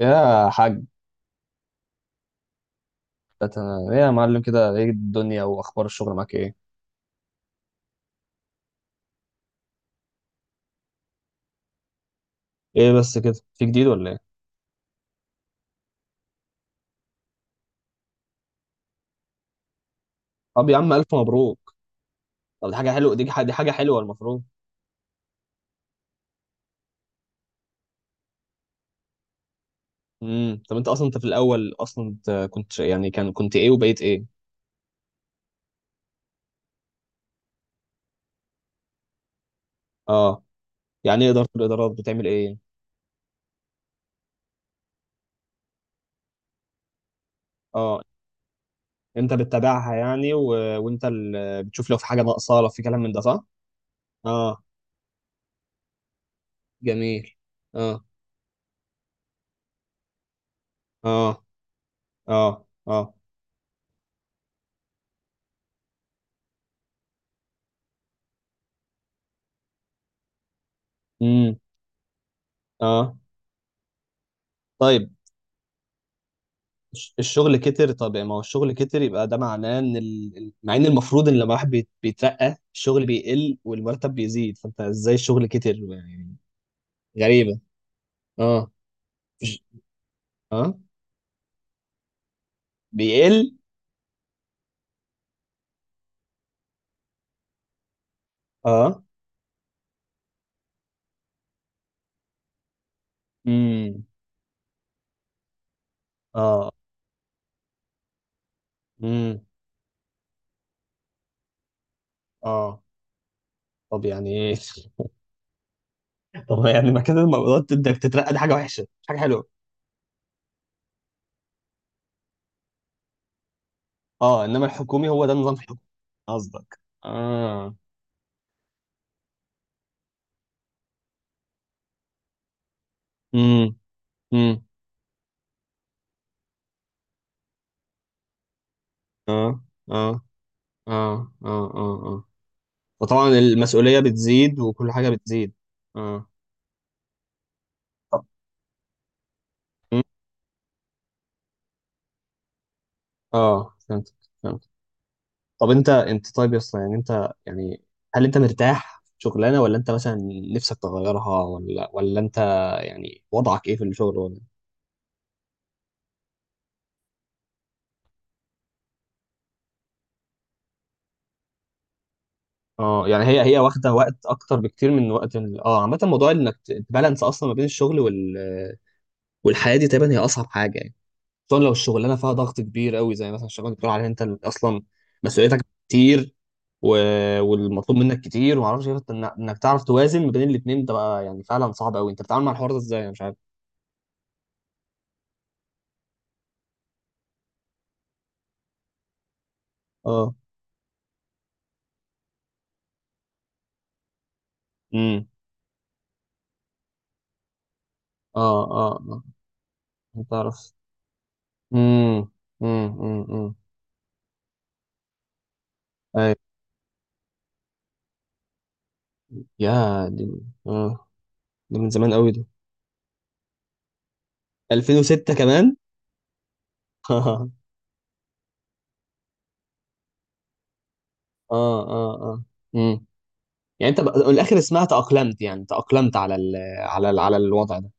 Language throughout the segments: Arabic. يا حاج. أت- ايه يا معلم، كده ايه الدنيا واخبار الشغل معاك ايه؟ ايه بس كده، في جديد ولا ايه؟ طب يا عم، الف مبروك. طب دي حاجه حلوه، دي حاجه حلوه المفروض. طب انت اصلا، انت في الاول، اصلا انت كنت يعني كنت ايه وبقيت ايه؟ اه. يعني ايه اداره الادارات، بتعمل ايه؟ اه، انت بتتابعها يعني وانت بتشوف لو في حاجه ناقصه، لو في كلام من ده، صح؟ اه، جميل. اه اه اه اه. امم. اه. طيب. الشغل كتر، طب ما هو الشغل كتر يبقى ده معناه ان مع ان المفروض ان لما واحد بيترقى الشغل بيقل والمرتب بيزيد، فانت ازاي الشغل كتر يعني؟ غريبة. اه. مش- اه. بيقل. اه. امم. اه. امم. اه. طب يعني ايه؟ طب يعني ما كده المرات، انك تترقى دي حاجة وحشة مش حاجة حلوة. اه، انما الحكومي هو ده النظام في الحكومة. قصدك. اه. امم. امم. اه اه اه اه اه اه. وطبعا المسؤولية بتزيد وكل حاجة بتزيد. اه. طب م- اه، فهمت فهمت. طب انت، طيب يا اسطى، يعني انت يعني هل انت مرتاح في شغلانة، ولا انت مثلا نفسك تغيرها، ولا انت يعني وضعك ايه في الشغل ولا؟ اه يعني هي، هي واخدة وقت اكتر بكتير من وقت اه، عامة موضوع انك تبالانس اصلا ما بين الشغل والحياة دي تقريبا هي اصعب حاجة يعني. خصوصا لو الشغلانه فيها ضغط كبير قوي، زي مثلا الشغلانه اللي بتقول عليها انت اللي اصلا مسؤوليتك كتير و... والمطلوب منك كتير وما اعرفش إيه، فأنت انك تعرف توازن ما بين الاثنين ده، بقى يعني فعلا صعب قوي. انت بتتعامل مع الحوار ده ازاي؟ انا مش عارف. اه. امم. اه. اه. اه. انت تعرف. امم. امم. امم. اي يا دي. اه. ده من زمان قوي ده. 2006 كمان؟ اه. اه. اه. امم. يعني انت من الاخر اسمها تأقلمت، يعني تأقلمت على على الوضع ده.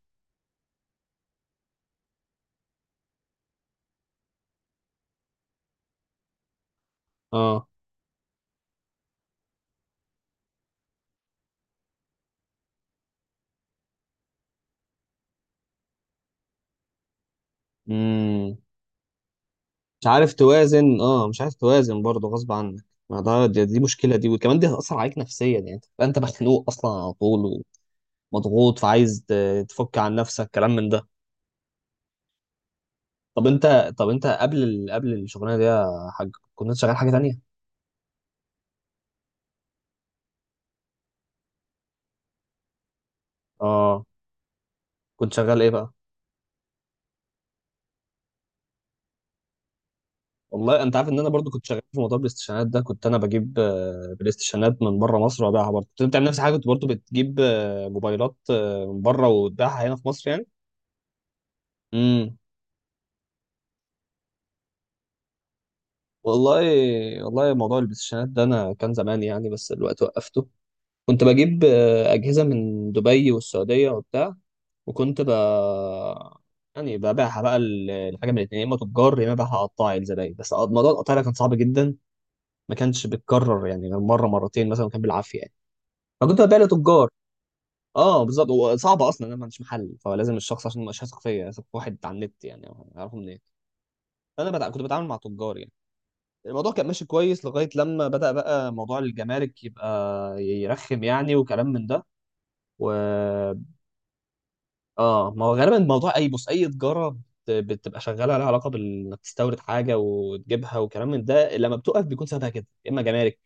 اه. امم. مش عارف توازن، اه مش عارف توازن برضه غصب عنك. ما ده، دي مشكله دي، وكمان دي هتاثر عليك نفسيا، يعني تبقى انت مخنوق اصلا على طول ومضغوط، فعايز تفك عن نفسك، كلام من ده. طب انت قبل قبل الشغلانه دي يا حاج، كنت شغال حاجه تانية؟ اه، كنت شغال ايه بقى؟ والله انت عارف ان انا برضو كنت شغال في موضوع الاستشانات ده، كنت انا بجيب آه، بلاي ستيشنات من بره مصر وابيعها، برضه كنت بتعمل نفس الحاجه، كنت برضو بتجيب آه، موبايلات آه، من بره وتبيعها هنا في مصر يعني. امم. والله والله موضوع البلايستيشنات ده انا كان زمان يعني، بس دلوقتي وقفته. كنت بجيب آه، اجهزه من دبي والسعوديه وبتاع، وكنت ب يعني ببيعها بقى الحاجه من الاثنين، يا اما تجار يا اما ببيعها قطاعي لزباين، بس موضوع القطاعي ده كان صعب جدا، ما كانش بيتكرر يعني غير مره مرتين مثلا، كان بالعافيه يعني، فكنت ببيع لتجار. اه، بالظبط، وصعب اصلا، انا ما عنديش محل، فلازم الشخص عشان مش هثق فيا، هثق في واحد على النت يعني؟ اعرفه منين؟ فانا كنت بتعامل مع تجار يعني، الموضوع كان ماشي كويس لغاية لما بدأ بقى موضوع الجمارك يبقى يرخم يعني، وكلام من ده. و اه، ما هو غالبا موضوع اي، بص اي تجارة بتبقى شغالة لها علاقة انك تستورد حاجة وتجيبها وكلام من ده، لما بتقف بيكون سببها كده، يا اما جمارك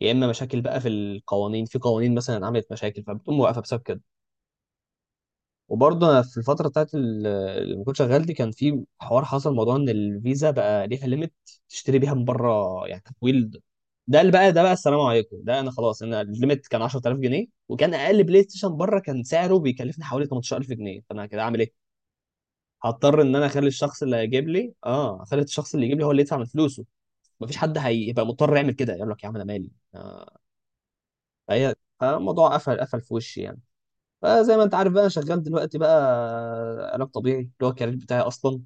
يا اما مشاكل بقى في القوانين، في قوانين مثلا عملت مشاكل فبتقوم واقفة بسبب كده. وبرضه انا في الفتره بتاعت اللي كنت شغال دي، كان في حوار حصل موضوع ان الفيزا بقى ليها ليميت تشتري بيها من بره، يعني تحويل. ده بقى السلام عليكم. ده انا خلاص، انا الليميت كان 10,000 جنيه، وكان اقل بلاي ستيشن بره كان سعره بيكلفني حوالي 18,000 جنيه، فانا كده اعمل ايه؟ هضطر ان انا اخلي الشخص اللي هيجيب لي، اه اخلي الشخص اللي يجيب لي هو اللي يدفع من فلوسه، مفيش حد هيبقى مضطر يعمل كده، يقول لك يا عم انا مالي آه، فهي فالموضوع قفل قفل في وشي يعني. فزي ما انت عارف بقى انا شغال دلوقتي بقى علاج طبيعي، اللي هو الكارير بتاعي اصلا.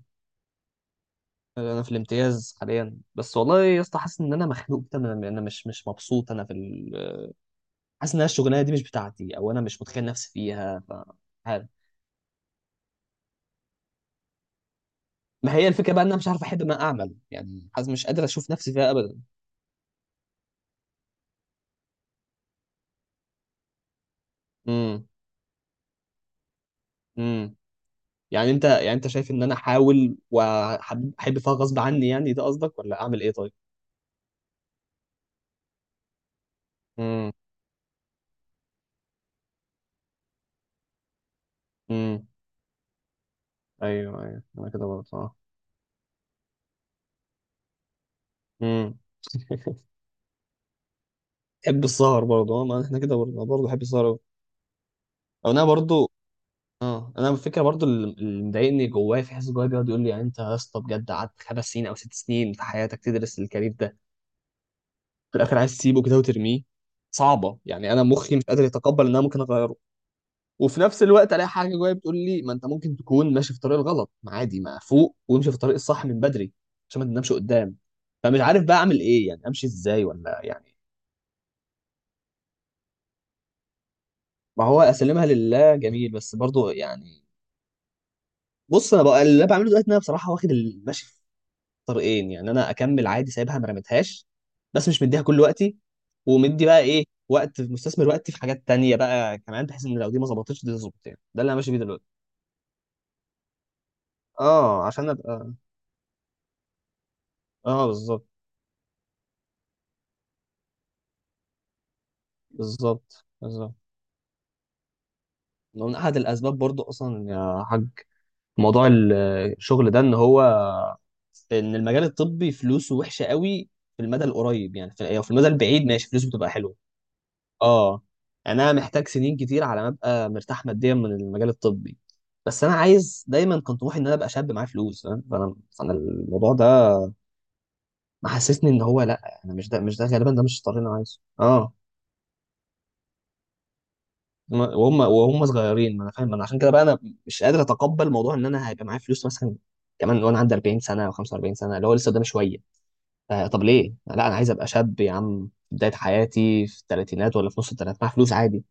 انا في الامتياز حاليا بس، والله يا اسطى حاسس ان انا مخنوق كده، أنا مش مبسوط، انا في حاسس ان انا الشغلانه دي مش بتاعتي، او انا مش متخيل نفسي فيها، عارف. ما هي الفكره بقى ان انا مش عارف احب ما اعمل، يعني حاسس مش قادر اشوف نفسي فيها ابدا. امم. امم. يعني انت، يعني انت شايف ان انا احاول واحب فيها غصب عني يعني، ده قصدك، ولا اعمل ايه طيب؟ امم. امم. ايوه ايوه. انا كده برضه اه. امم. بحب السهر برضه اه، ما احنا كده برضه، أنا برضه بحب السهر أوي. او انا برضه اه. انا الفكره برضه اللي مضايقني جوايا، في حاسس جوايا بيقعد يقول لي يعني انت يا اسطى بجد قعدت 5 سنين او 6 سنين في حياتك تدرس الكارير ده، في الاخر عايز تسيبه كده وترميه؟ صعبه يعني، انا مخي مش قادر يتقبل ان انا ممكن اغيره. وفي نفس الوقت الاقي حاجه جوايا بتقول لي ما انت ممكن تكون ماشي في الطريق الغلط، ما عادي ما فوق وامشي في الطريق الصح من بدري عشان ما تنامش قدام، فمش عارف بقى اعمل ايه يعني، امشي ازاي ولا يعني. ما هو اسلمها لله، جميل، بس برضه يعني، بص انا بقى اللي انا بعمله دلوقتي ان انا بصراحه واخد المشي في طريقين، يعني انا اكمل عادي سايبها ما رميتهاش، بس مش مديها كل وقتي، ومدي بقى ايه وقت مستثمر وقتي في حاجات تانية بقى كمان، بحيث ان لو دي ما ظبطتش دي تظبط، يعني ده اللي انا ماشي بيه دلوقتي. اه، عشان ابقى اه، بالظبط. بالظبط بالظبط. من احد الاسباب برضو اصلا يا حاج، موضوع الشغل ده ان هو، ان المجال الطبي فلوسه وحشه قوي في المدى القريب، يعني في أو في المدى البعيد ماشي فلوسه بتبقى حلوه. اه، يعني انا محتاج سنين كتير على ما ابقى مرتاح ماديا من المجال الطبي، بس انا عايز دايما كان طموحي ان انا ابقى شاب معايا فلوس، فاهم؟ فانا الموضوع ده محسسني ان هو لا، انا مش ده، مش ده غالبا، ده مش الطريق اللي انا عايزه اه. وهم صغيرين، ما انا فاهم، انا عشان كده بقى انا مش قادر اتقبل موضوع ان انا هيبقى معايا فلوس مثلا كمان وانا عندي 40 سنه او 45 سنه، اللي هو لسه قدامي شويه. آه طب ليه؟ لا انا عايز ابقى شاب يا عم في بدايه حياتي، في الثلاثينات ولا في نص الثلاثينات، معايا فلوس عادي،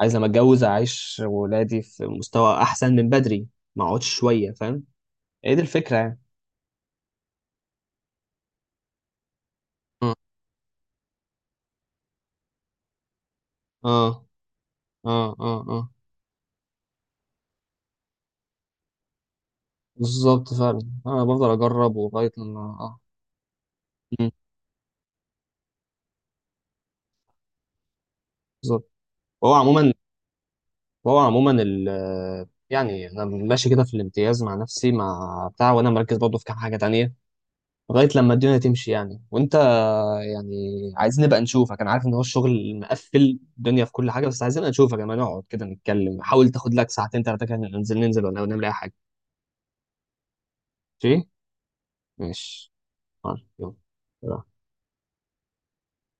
عايز لما اتجوز اعيش ولادي في مستوى احسن من بدري، ما اقعدش شويه فاهم؟ ايه دي الفكره يعني. مم. اه اه اه اه. بالظبط فعلا. انا بفضل اجرب ولغايه ما اه. مم. بالظبط. وهو عموما وهو عموما يعني انا ماشي كده في الامتياز مع نفسي مع بتاع، وانا مركز برضه في كام حاجه تانية لغاية لما الدنيا تمشي يعني. وانت يعني عايزين نبقى نشوفك، انا عارف ان هو الشغل مقفل الدنيا في كل حاجة، بس عايزين نبقى نشوفك لما نقعد كده نتكلم، حاول تاخد لك ساعتين تلاتة كده ننزل ننزل ولا نعمل اي حاجة. ماشي. ماشي. يلا.